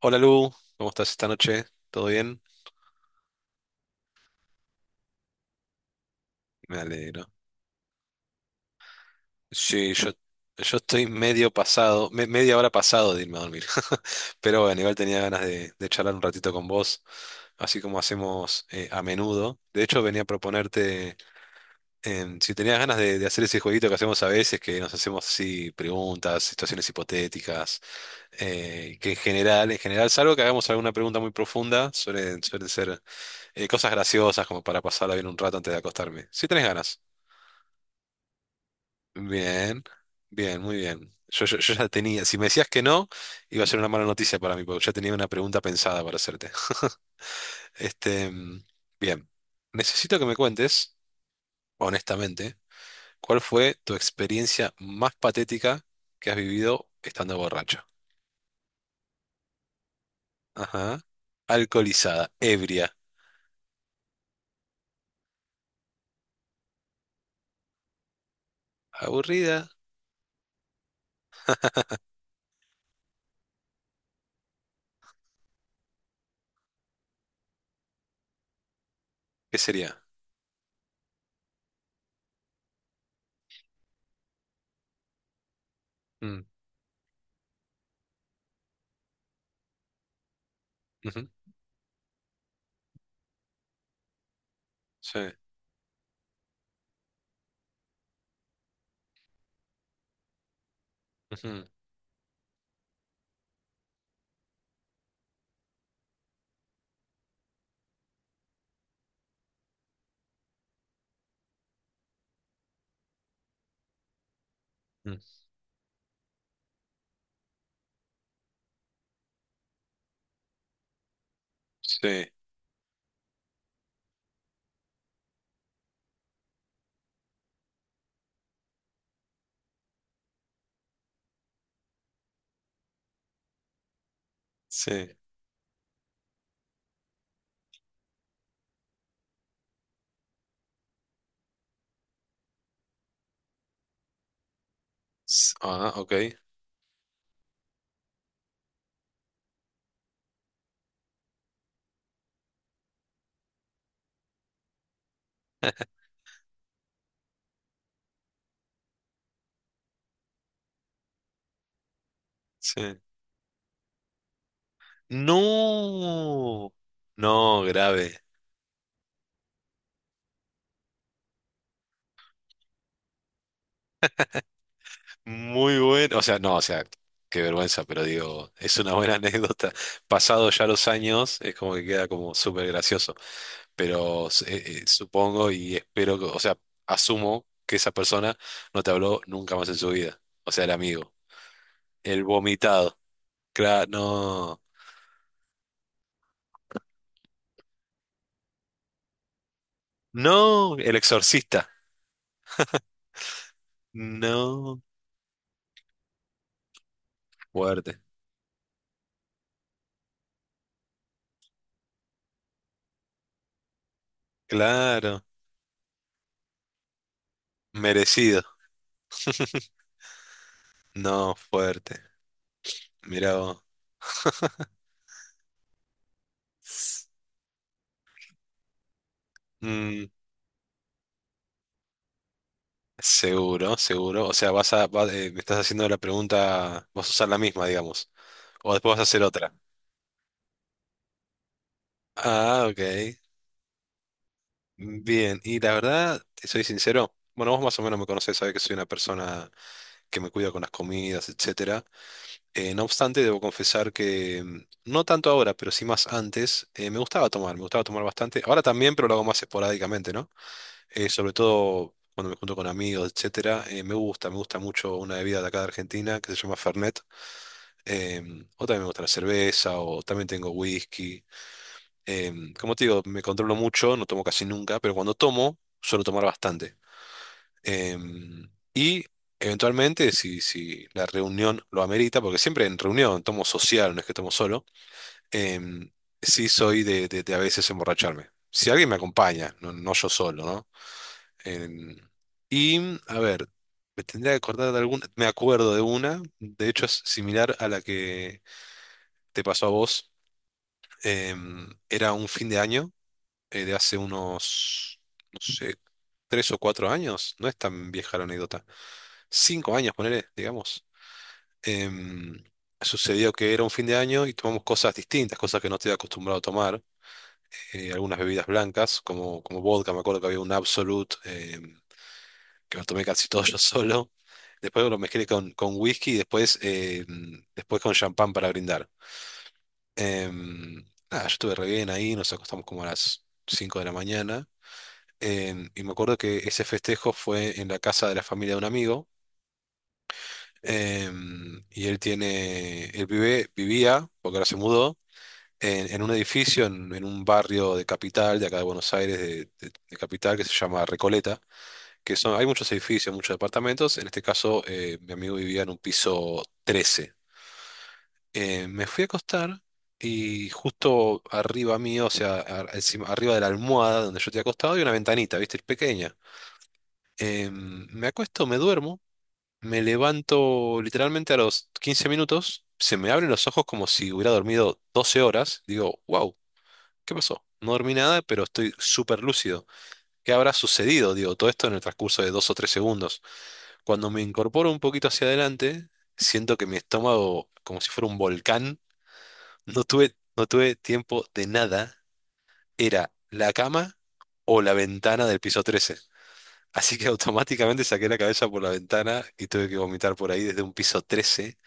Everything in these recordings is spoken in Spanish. Hola Lu, ¿cómo estás esta noche? ¿Todo bien? Me alegro. Sí, yo estoy medio pasado, media hora pasado de irme a dormir. Pero bueno, igual tenía ganas de charlar un ratito con vos, así como hacemos a menudo. De hecho, venía a proponerte si tenías ganas de hacer ese jueguito que hacemos a veces, que nos hacemos así preguntas, situaciones hipotéticas, que en general, salvo que hagamos alguna pregunta muy profunda, suelen ser cosas graciosas como para pasarla bien un rato antes de acostarme. Si tenés ganas. Bien, bien, muy bien. Yo ya tenía, si me decías que no, iba a ser una mala noticia para mí, porque ya tenía una pregunta pensada para hacerte. Este, bien, necesito que me cuentes, honestamente, ¿cuál fue tu experiencia más patética que has vivido estando borracho? Ajá. Alcoholizada, ebria, aburrida, ¿qué sería? Mm. Ujú. Sí. Ujú. Mm. Sí, sí. Ah, ok. Sí. No, no, grave. Muy bueno. O sea, no, o sea, qué vergüenza, pero digo, es una buena anécdota. Pasado ya los años, es como que queda como súper gracioso. Pero supongo y espero que, o sea, asumo que esa persona no te habló nunca más en su vida. O sea, el amigo. El vomitado. Claro, no. No, el exorcista. No, fuerte. Claro, merecido. No, fuerte. Mirá vos. Mm, seguro, seguro. O sea, me estás haciendo la pregunta, vas a usar la misma, digamos. O después vas a hacer otra. Ah, ok. Bien. Y la verdad, te soy sincero. Bueno, vos más o menos me conocés, sabés que soy una persona que me cuida con las comidas, etcétera. No obstante, debo confesar que no tanto ahora, pero sí más antes, me gustaba tomar bastante. Ahora también, pero lo hago más esporádicamente, ¿no? Sobre todo cuando me junto con amigos, etcétera, me gusta mucho una bebida de acá de Argentina que se llama Fernet, o también me gusta la cerveza, o también tengo whisky. Como te digo, me controlo mucho, no tomo casi nunca, pero cuando tomo, suelo tomar bastante. Em, y eventualmente, si la reunión lo amerita, porque siempre en reunión tomo social, no es que tomo solo. em, sí soy de a veces emborracharme. Si alguien me acompaña, no, no yo solo, ¿no? Em, y, a ver, me tendría que acordar de alguna, me acuerdo de una, de hecho es similar a la que te pasó a vos. Era un fin de año de hace unos, no sé, 3 o 4 años, no es tan vieja la anécdota, 5 años, ponele, digamos. Em, Sucedió que era un fin de año y tomamos cosas distintas, cosas que no estoy acostumbrado a tomar, algunas bebidas blancas, como vodka. Me acuerdo que había un Absolut, que los tomé casi todos yo solo. Después los mezclé con whisky y después, después con champán para brindar. Em, Nada, yo estuve re bien ahí, nos acostamos como a las 5 de la mañana. Y me acuerdo que ese festejo fue en la casa de la familia de un amigo. Y él tiene, él vive, vivía, porque ahora se mudó, en un edificio, en un barrio de capital, de acá de Buenos Aires, de capital, que se llama Recoleta. Que son, hay muchos edificios, muchos departamentos. En este caso, mi amigo vivía en un piso 13. Me fui a acostar y justo arriba mío, o sea, arriba de la almohada donde yo te acostado, hay una ventanita, ¿viste? Pequeña. Me acuesto, me duermo, me levanto literalmente a los 15 minutos, se me abren los ojos como si hubiera dormido 12 horas. Digo, wow, ¿qué pasó? No dormí nada, pero estoy súper lúcido. ¿Qué habrá sucedido? Digo, todo esto en el transcurso de 2 o 3 segundos. Cuando me incorporo un poquito hacia adelante, siento que mi estómago, como si fuera un volcán, no tuve tiempo de nada. Era la cama o la ventana del piso 13. Así que automáticamente saqué la cabeza por la ventana y tuve que vomitar por ahí desde un piso 13.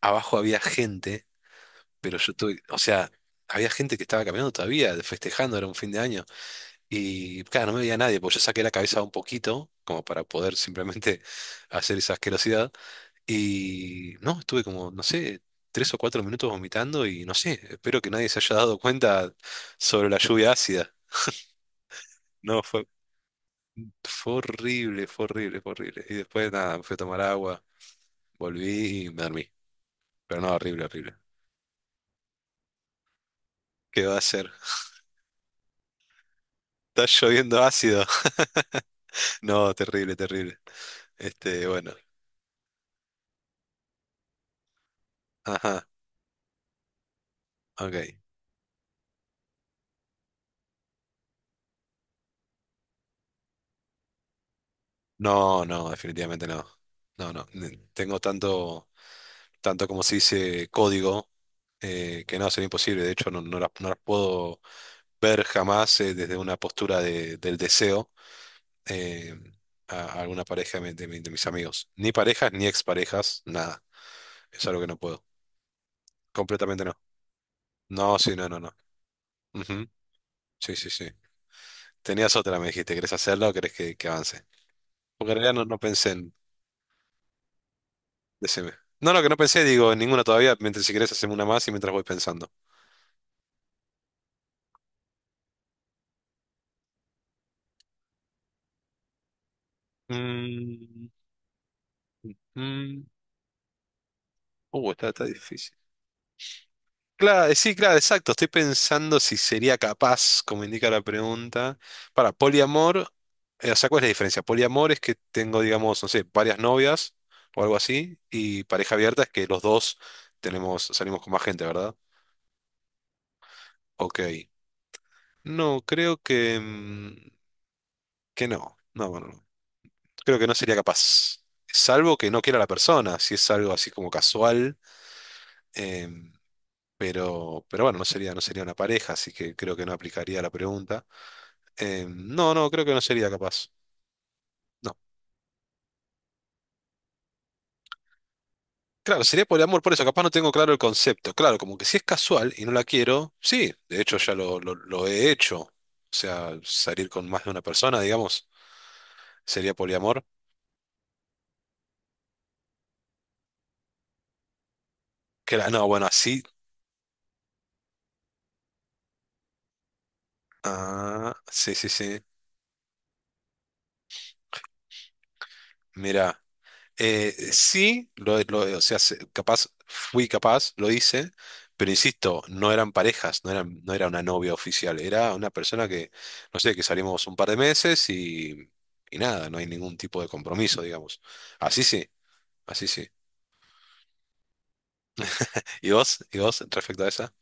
Abajo había gente, pero yo tuve, o sea, había gente que estaba caminando todavía, festejando, era un fin de año. Y claro, no me veía nadie, pues yo saqué la cabeza un poquito, como para poder simplemente hacer esa asquerosidad. Y no, estuve como, no sé, 3 o 4 minutos vomitando y no sé, espero que nadie se haya dado cuenta sobre la lluvia ácida. No, fue horrible, fue horrible, fue horrible. Y después nada, me fui a tomar agua, volví y me dormí. Pero no, horrible, horrible. ¿Qué va a hacer? Está lloviendo ácido. No, terrible, terrible. Este, bueno. Ajá, ok. No, no, definitivamente no. No, no. Tengo tanto, tanto como se dice código, que no, sería imposible. De hecho, no, no las puedo ver jamás desde una postura del deseo, eh, a alguna pareja de mis amigos. Ni parejas, ni exparejas, nada. Es algo que no puedo. Completamente no. No, sí, no, no, no. Ujú. Sí, sí, sí. Tenías otra, me dijiste. ¿Querés hacerla o querés que avance? Porque en realidad no, no pensé en... Decime. No, lo que no pensé, digo, en ninguna todavía. Mientras, si querés hacemos una más y mientras voy pensando. Mm, mm, está difícil. Claro, sí, claro, exacto. Estoy pensando si sería capaz, como indica la pregunta. Poliamor, o sea, ¿cuál es la diferencia? Poliamor es que tengo, digamos, no sé, varias novias o algo así, y pareja abierta es que los dos tenemos, salimos con más gente, ¿verdad? Ok. No, creo que no. No, bueno no. Creo que no sería capaz. Salvo que no quiera la persona, si es algo así como casual. em, pero bueno, no sería una pareja, así que creo que no aplicaría la pregunta. No, no, creo que no sería capaz. No. Claro, sería por amor, por eso, capaz no tengo claro el concepto. Claro, como que si es casual y no la quiero, sí, de hecho ya lo he hecho. O sea, salir con más de una persona, digamos, sería poliamor. No, bueno, así. Ah, sí, sí, sí. Mira. Sí, o sea, capaz, fui capaz, lo hice, pero insisto, no eran parejas, no eran, no era una novia oficial, era una persona que, no sé, que salimos un par de meses y nada, no hay ningún tipo de compromiso, digamos. Así sí, así sí. ¿Y vos? ¿Y vos respecto a esa?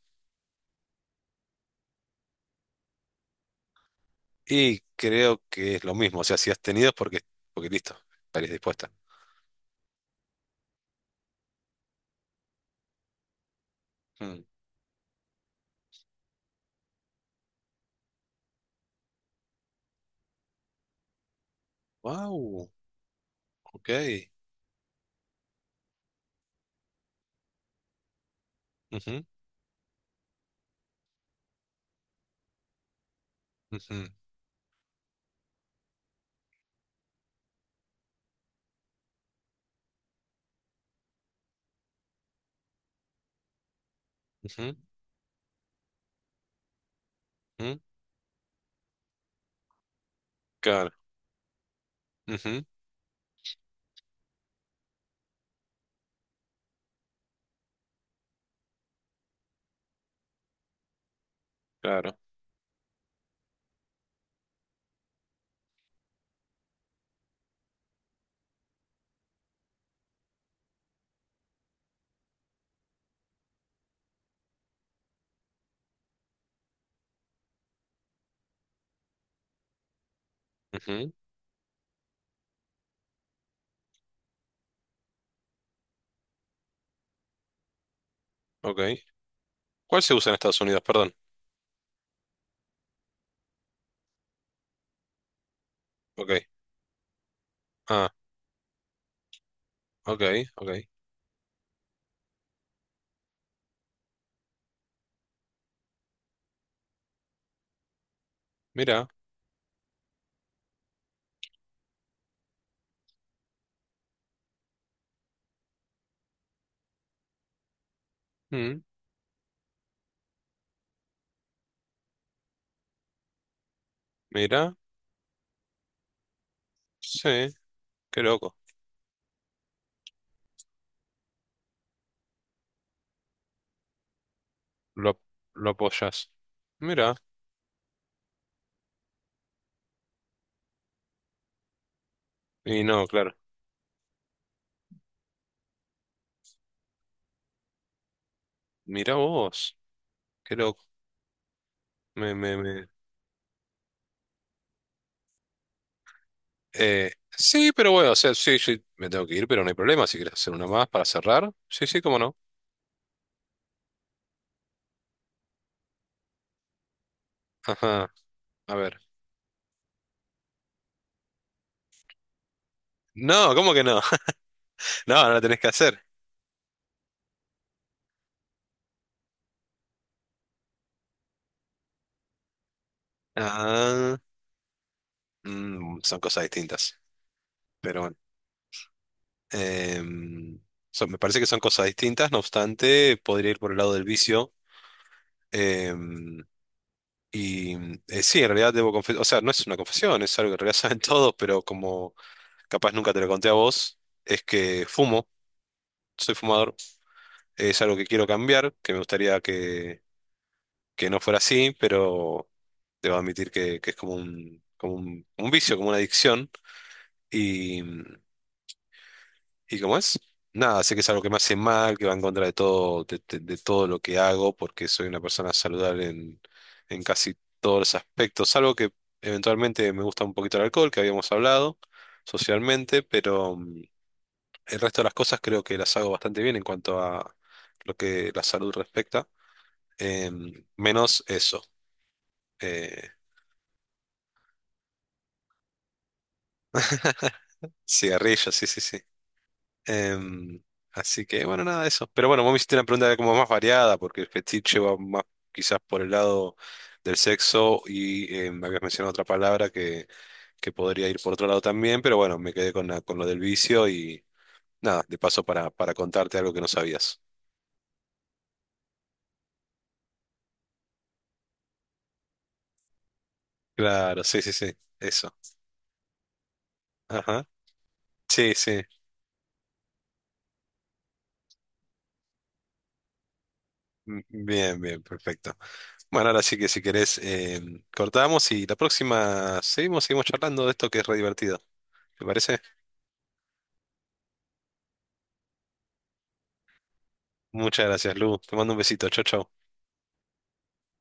Y creo que es lo mismo, o sea, si has tenido es porque, listo, estarías dispuesta. Wow, ok. Ujú, ujú, ujú, ujú. Claro, ujú, claro, ujú, ok. ¿Cuál se usa en Estados Unidos? Perdón. Ok. Ah, ok, ok. Mira. mm, Mira. Sí. Qué loco. Lo, lo apoyas. Mira. Y no, claro. Mira vos. Qué loco. Me, me, me. Sí, pero bueno, o sea, sí, sí, me tengo que ir, pero no hay problema. Si quieres hacer una más para cerrar. Sí, sí, cómo no. Ajá. A ver. No, ¿cómo que no? No, no la tenés que hacer. Ah, son cosas distintas. Pero bueno. Em, me parece que son cosas distintas, no obstante, podría ir por el lado del vicio. em, y sí, en realidad debo confesar, o sea, no es una confesión, es algo que en realidad saben todos, pero como capaz nunca te lo conté a vos, es que fumo, soy fumador, es algo que quiero cambiar, que me gustaría que no fuera así, pero debo admitir que es como un vicio, como una adicción. ¿Y cómo es? Nada, sé que es algo que me hace mal, que va en contra de todo, de todo lo que hago, porque soy una persona saludable en casi todos los aspectos, salvo que eventualmente me gusta un poquito el alcohol, que habíamos hablado socialmente, pero el resto de las cosas creo que las hago bastante bien en cuanto a lo que la salud respecta, menos eso, eh, cigarrillos, sí, sí, sí. Em, así que, bueno, nada de eso. Pero bueno, vos me hiciste una pregunta como más variada, porque el fetiche va más quizás por el lado del sexo y me habías mencionado otra palabra que podría ir por otro lado también, pero bueno, me quedé con lo del vicio y nada, de paso para contarte algo que no sabías. Claro, sí, sí, sí, eso. Ajá. Sí, sí. Bien, bien, perfecto. Bueno, ahora sí que si querés, cortamos y la próxima seguimos, charlando de esto que es re divertido. ¿Te parece? Muchas gracias, Lu. Te mando un besito. Chao, chao.